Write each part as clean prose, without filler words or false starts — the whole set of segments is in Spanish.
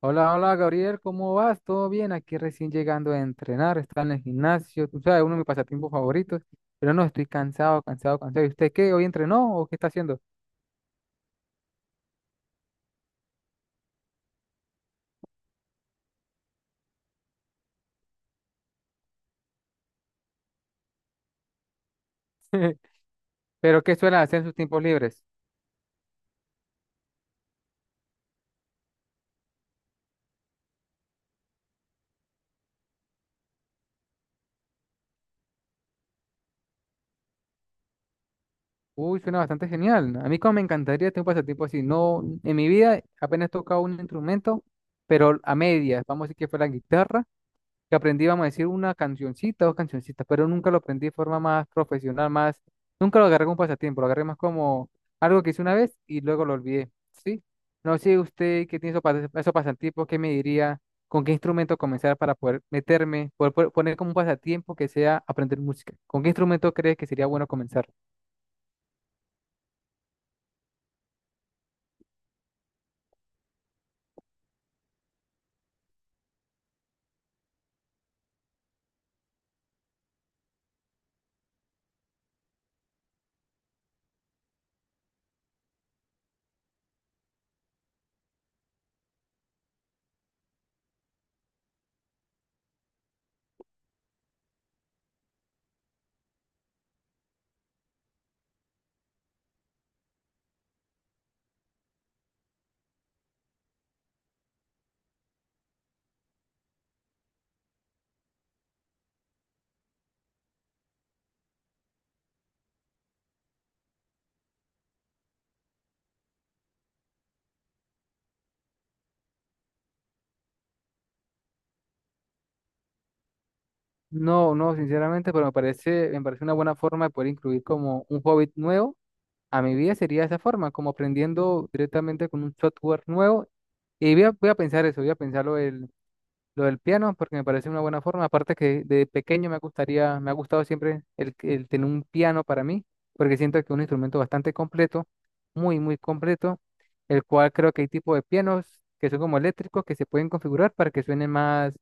Hola, hola Gabriel, ¿cómo vas? ¿Todo bien? Aquí recién llegando a entrenar, está en el gimnasio, tú sabes, uno de mis pasatiempos favoritos, pero no, estoy cansado, cansado, cansado. ¿Y usted qué? ¿Hoy entrenó o qué está haciendo? ¿Pero qué suele hacer en sus tiempos libres? Uy, suena bastante genial. A mí como me encantaría tener un pasatiempo así. No, en mi vida apenas he tocado un instrumento, pero a medias, vamos a decir que fue la guitarra que aprendí, vamos a decir, una cancioncita, dos cancioncitas, pero nunca lo aprendí de forma más profesional, más, nunca lo agarré como pasatiempo, lo agarré más como algo que hice una vez y luego lo olvidé, ¿sí? No sé usted qué tiene esos pasatiempos, qué me diría, con qué instrumento comenzar para poder meterme, poner como un pasatiempo que sea aprender música. ¿Con qué instrumento crees que sería bueno comenzar? No, no, sinceramente, pero me parece una buena forma de poder incluir como un hobby nuevo a mi vida sería de esa forma, como aprendiendo directamente con un software nuevo. Y voy a pensar eso, voy a pensar lo del piano, porque me parece una buena forma. Aparte que de pequeño me gustaría, me ha gustado siempre el tener un piano para mí, porque siento que es un instrumento bastante completo, muy, muy completo, el cual creo que hay tipos de pianos que son como eléctricos, que se pueden configurar para que suenen más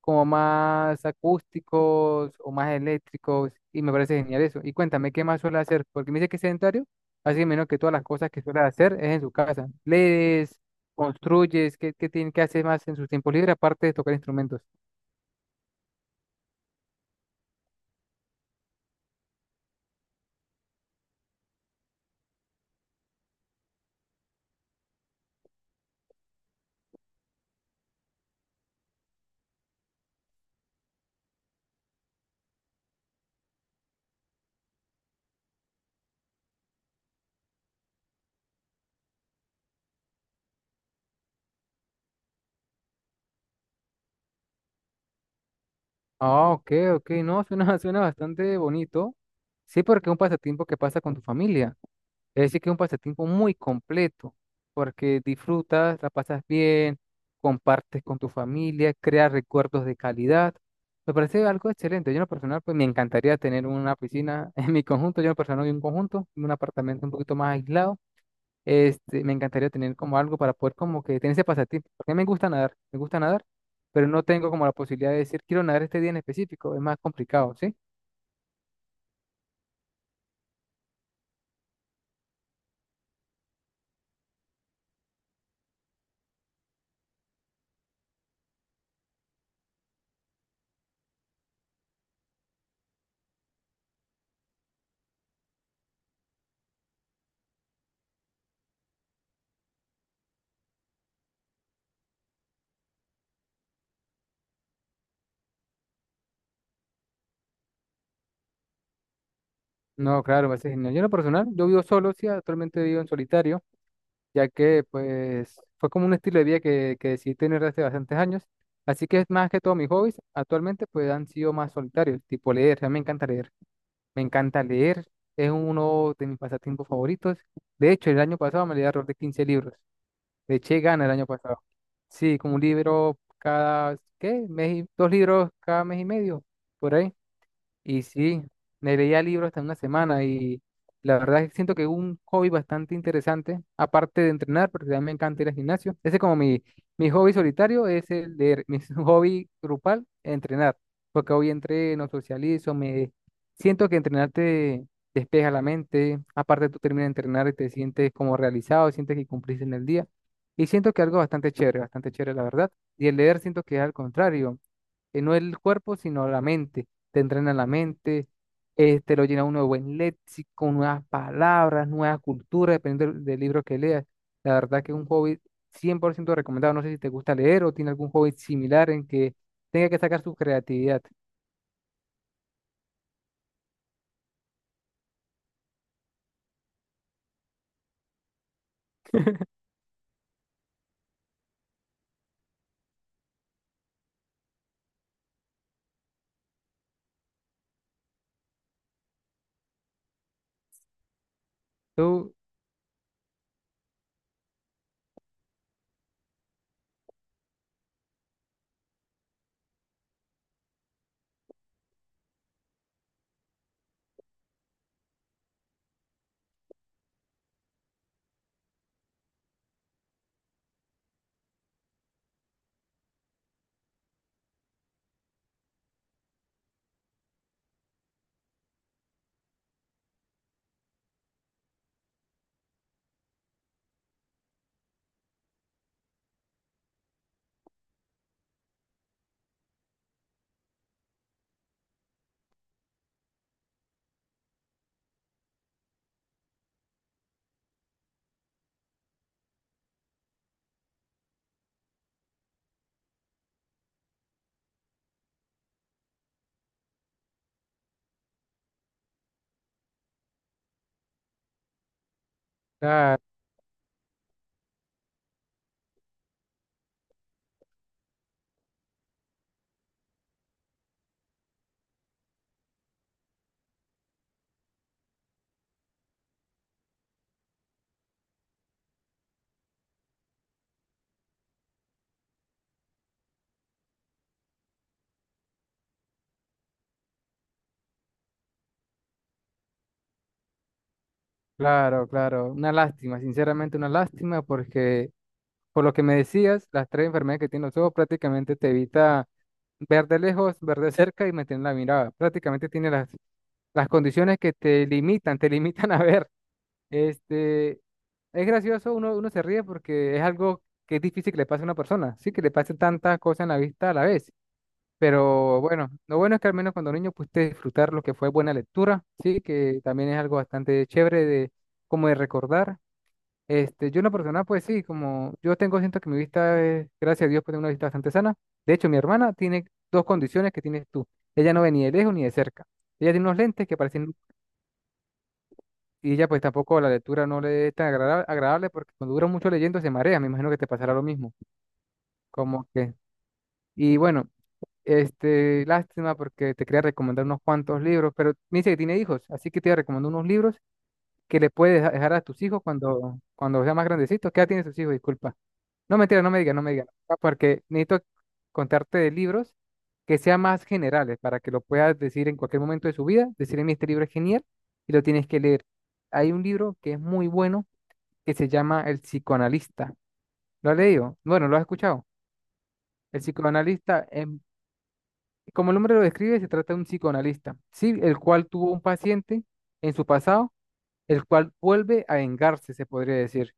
como más acústicos o más eléctricos y me parece genial eso. Y cuéntame, ¿qué más suele hacer? Porque me dice que es sedentario, así que menos que todas las cosas que suele hacer es en su casa. ¿Lees, construyes, qué, qué tiene que hacer más en su tiempo libre aparte de tocar instrumentos? Ah, ok, ok, no, suena, suena bastante bonito. Sí, porque es un pasatiempo que pasa con tu familia. Es decir, que es un pasatiempo muy completo, porque disfrutas, la pasas bien, compartes con tu familia, creas recuerdos de calidad. Me parece algo excelente. Yo en lo personal, pues me encantaría tener una piscina en mi conjunto. Yo en lo personal vivo en un conjunto, en un apartamento un poquito más aislado. Este, me encantaría tener como algo para poder como que tener ese pasatiempo. Porque a mí me gusta nadar, pero no tengo como la posibilidad de decir, quiero nadar este día en específico. Es más complicado, ¿sí? No, claro, me parece genial. Yo en lo personal, yo vivo solo, sí, actualmente vivo en solitario ya que pues fue como un estilo de vida que decidí tener desde bastantes años. Así que es más que todo mis hobbies actualmente pues han sido más solitarios, tipo leer, a mí me encanta leer, es uno de mis pasatiempos favoritos. De hecho, el año pasado me leí alrededor de 15 libros, le eché ganas el año pasado. Sí, como un libro cada, ¿qué? Dos libros cada mes y medio, por ahí. Y sí, me leía libros hasta una semana y la verdad es que siento que es un hobby bastante interesante, aparte de entrenar, porque también me encanta ir al gimnasio. Ese es como mi hobby solitario, es el leer. Mi hobby grupal, entrenar, porque hoy entreno, socializo, me siento que entrenar te despeja la mente, aparte tú terminas de entrenar y te sientes como realizado, sientes que cumpliste en el día. Y siento que algo bastante chévere, la verdad. Y el leer siento que es al contrario no el cuerpo, sino la mente. Te entrena la mente, este, lo llena uno de buen léxico, nuevas palabras, nuevas culturas, dependiendo del libro que leas. La verdad que es un hobby 100% recomendado. No sé si te gusta leer o tiene algún hobby similar en que tenga que sacar su creatividad. Tú, ah, claro, claro, una lástima, sinceramente una lástima porque por lo que me decías, las tres enfermedades que tiene los ojos prácticamente te evita ver de lejos, ver de cerca y mantener la mirada. Prácticamente tiene las condiciones que te limitan, te limitan a ver. Este, es gracioso, uno se ríe porque es algo que es difícil que le pase a una persona, sí, que le pase tantas cosas en la vista a la vez. Pero bueno, lo bueno es que al menos cuando niño pudiste disfrutar lo que fue buena lectura, sí, que también es algo bastante chévere de, como de recordar. Este, yo una persona, pues sí, como yo tengo, siento que mi vista es, gracias a Dios, pues tengo una vista bastante sana. De hecho, mi hermana tiene dos condiciones que tienes tú. Ella no ve ni de lejos ni de cerca. Ella tiene unos lentes que parecen. Y ella pues tampoco la lectura no le es tan agradable porque cuando dura mucho leyendo se marea, me imagino que te pasará lo mismo. Como que, y bueno, este, lástima porque te quería recomendar unos cuantos libros, pero me dice que tiene hijos, así que te recomiendo unos libros que le puedes dejar a tus hijos cuando sea más grandecitos. ¿Qué edad tienen sus hijos? Disculpa. No, mentira, no me digas, no me digas, porque necesito contarte de libros que sean más generales para que lo puedas decir en cualquier momento de su vida, decirle, mi este libro es genial y lo tienes que leer. Hay un libro que es muy bueno que se llama El psicoanalista. ¿Lo has leído? Bueno, ¿lo has escuchado? El psicoanalista, como el nombre lo describe, se trata de un psicoanalista, sí, el cual tuvo un paciente en su pasado, el cual vuelve a vengarse, se podría decir.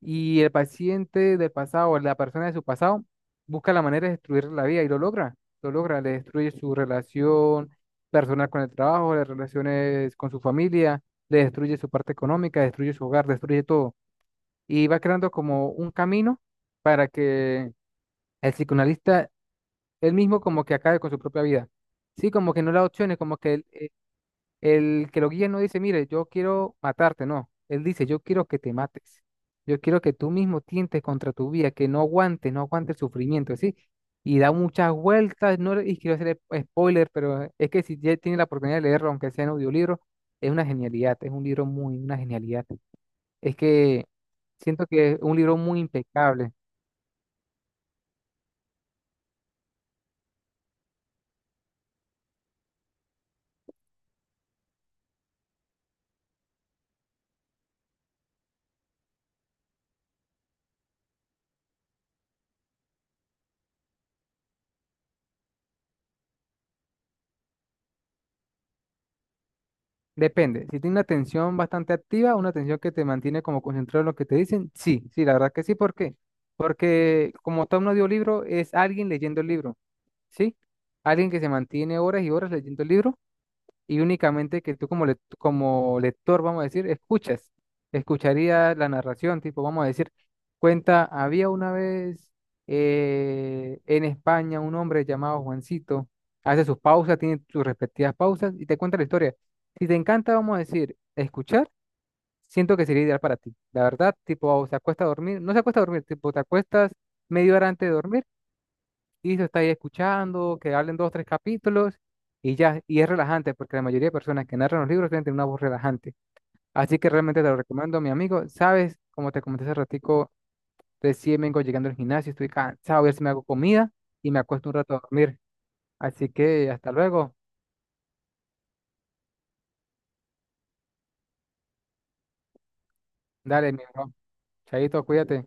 Y el paciente del pasado, o la persona de su pasado, busca la manera de destruir la vida y lo logra. Lo logra, le destruye su relación personal con el trabajo, las relaciones con su familia, le destruye su parte económica, destruye su hogar, destruye todo, y va creando como un camino para que el psicoanalista él mismo como que acabe con su propia vida. Sí, como que no le da opciones, como que el que lo guía no dice, mire, yo quiero matarte, no. Él dice, yo quiero que te mates. Yo quiero que tú mismo tientes contra tu vida, que no aguantes, no aguantes el sufrimiento, ¿sí? Y da muchas vueltas, no, y quiero hacer spoiler, pero es que si ya tiene la oportunidad de leerlo, aunque sea en audiolibro, es una genialidad, es un libro muy, una genialidad. Es que siento que es un libro muy impecable. Depende. Si tiene una atención bastante activa, una atención que te mantiene como concentrado en lo que te dicen, sí, sí, la verdad que sí. ¿Por qué? Porque como tal un audiolibro es alguien leyendo el libro, ¿sí? Alguien que se mantiene horas y horas leyendo el libro, y únicamente que tú como lector, vamos a decir, escuchas, escucharías la narración, tipo, vamos a decir, cuenta, había una vez en España un hombre llamado Juancito, hace sus pausas, tiene sus respectivas pausas y te cuenta la historia. Si te encanta, vamos a decir, escuchar, siento que sería ideal para ti. La verdad, tipo, se acuesta a dormir, no se acuesta a dormir, tipo, te acuestas media hora antes de dormir y se está ahí escuchando, que hablen dos o tres capítulos y ya, y es relajante porque la mayoría de personas que narran los libros tienen una voz relajante. Así que realmente te lo recomiendo, mi amigo. Sabes, como te comenté hace ratico, recién vengo llegando al gimnasio, estoy cansado, voy a ver si me hago comida y me acuesto un rato a dormir. Así que hasta luego. Dale, mi bro. Chaito, cuídate.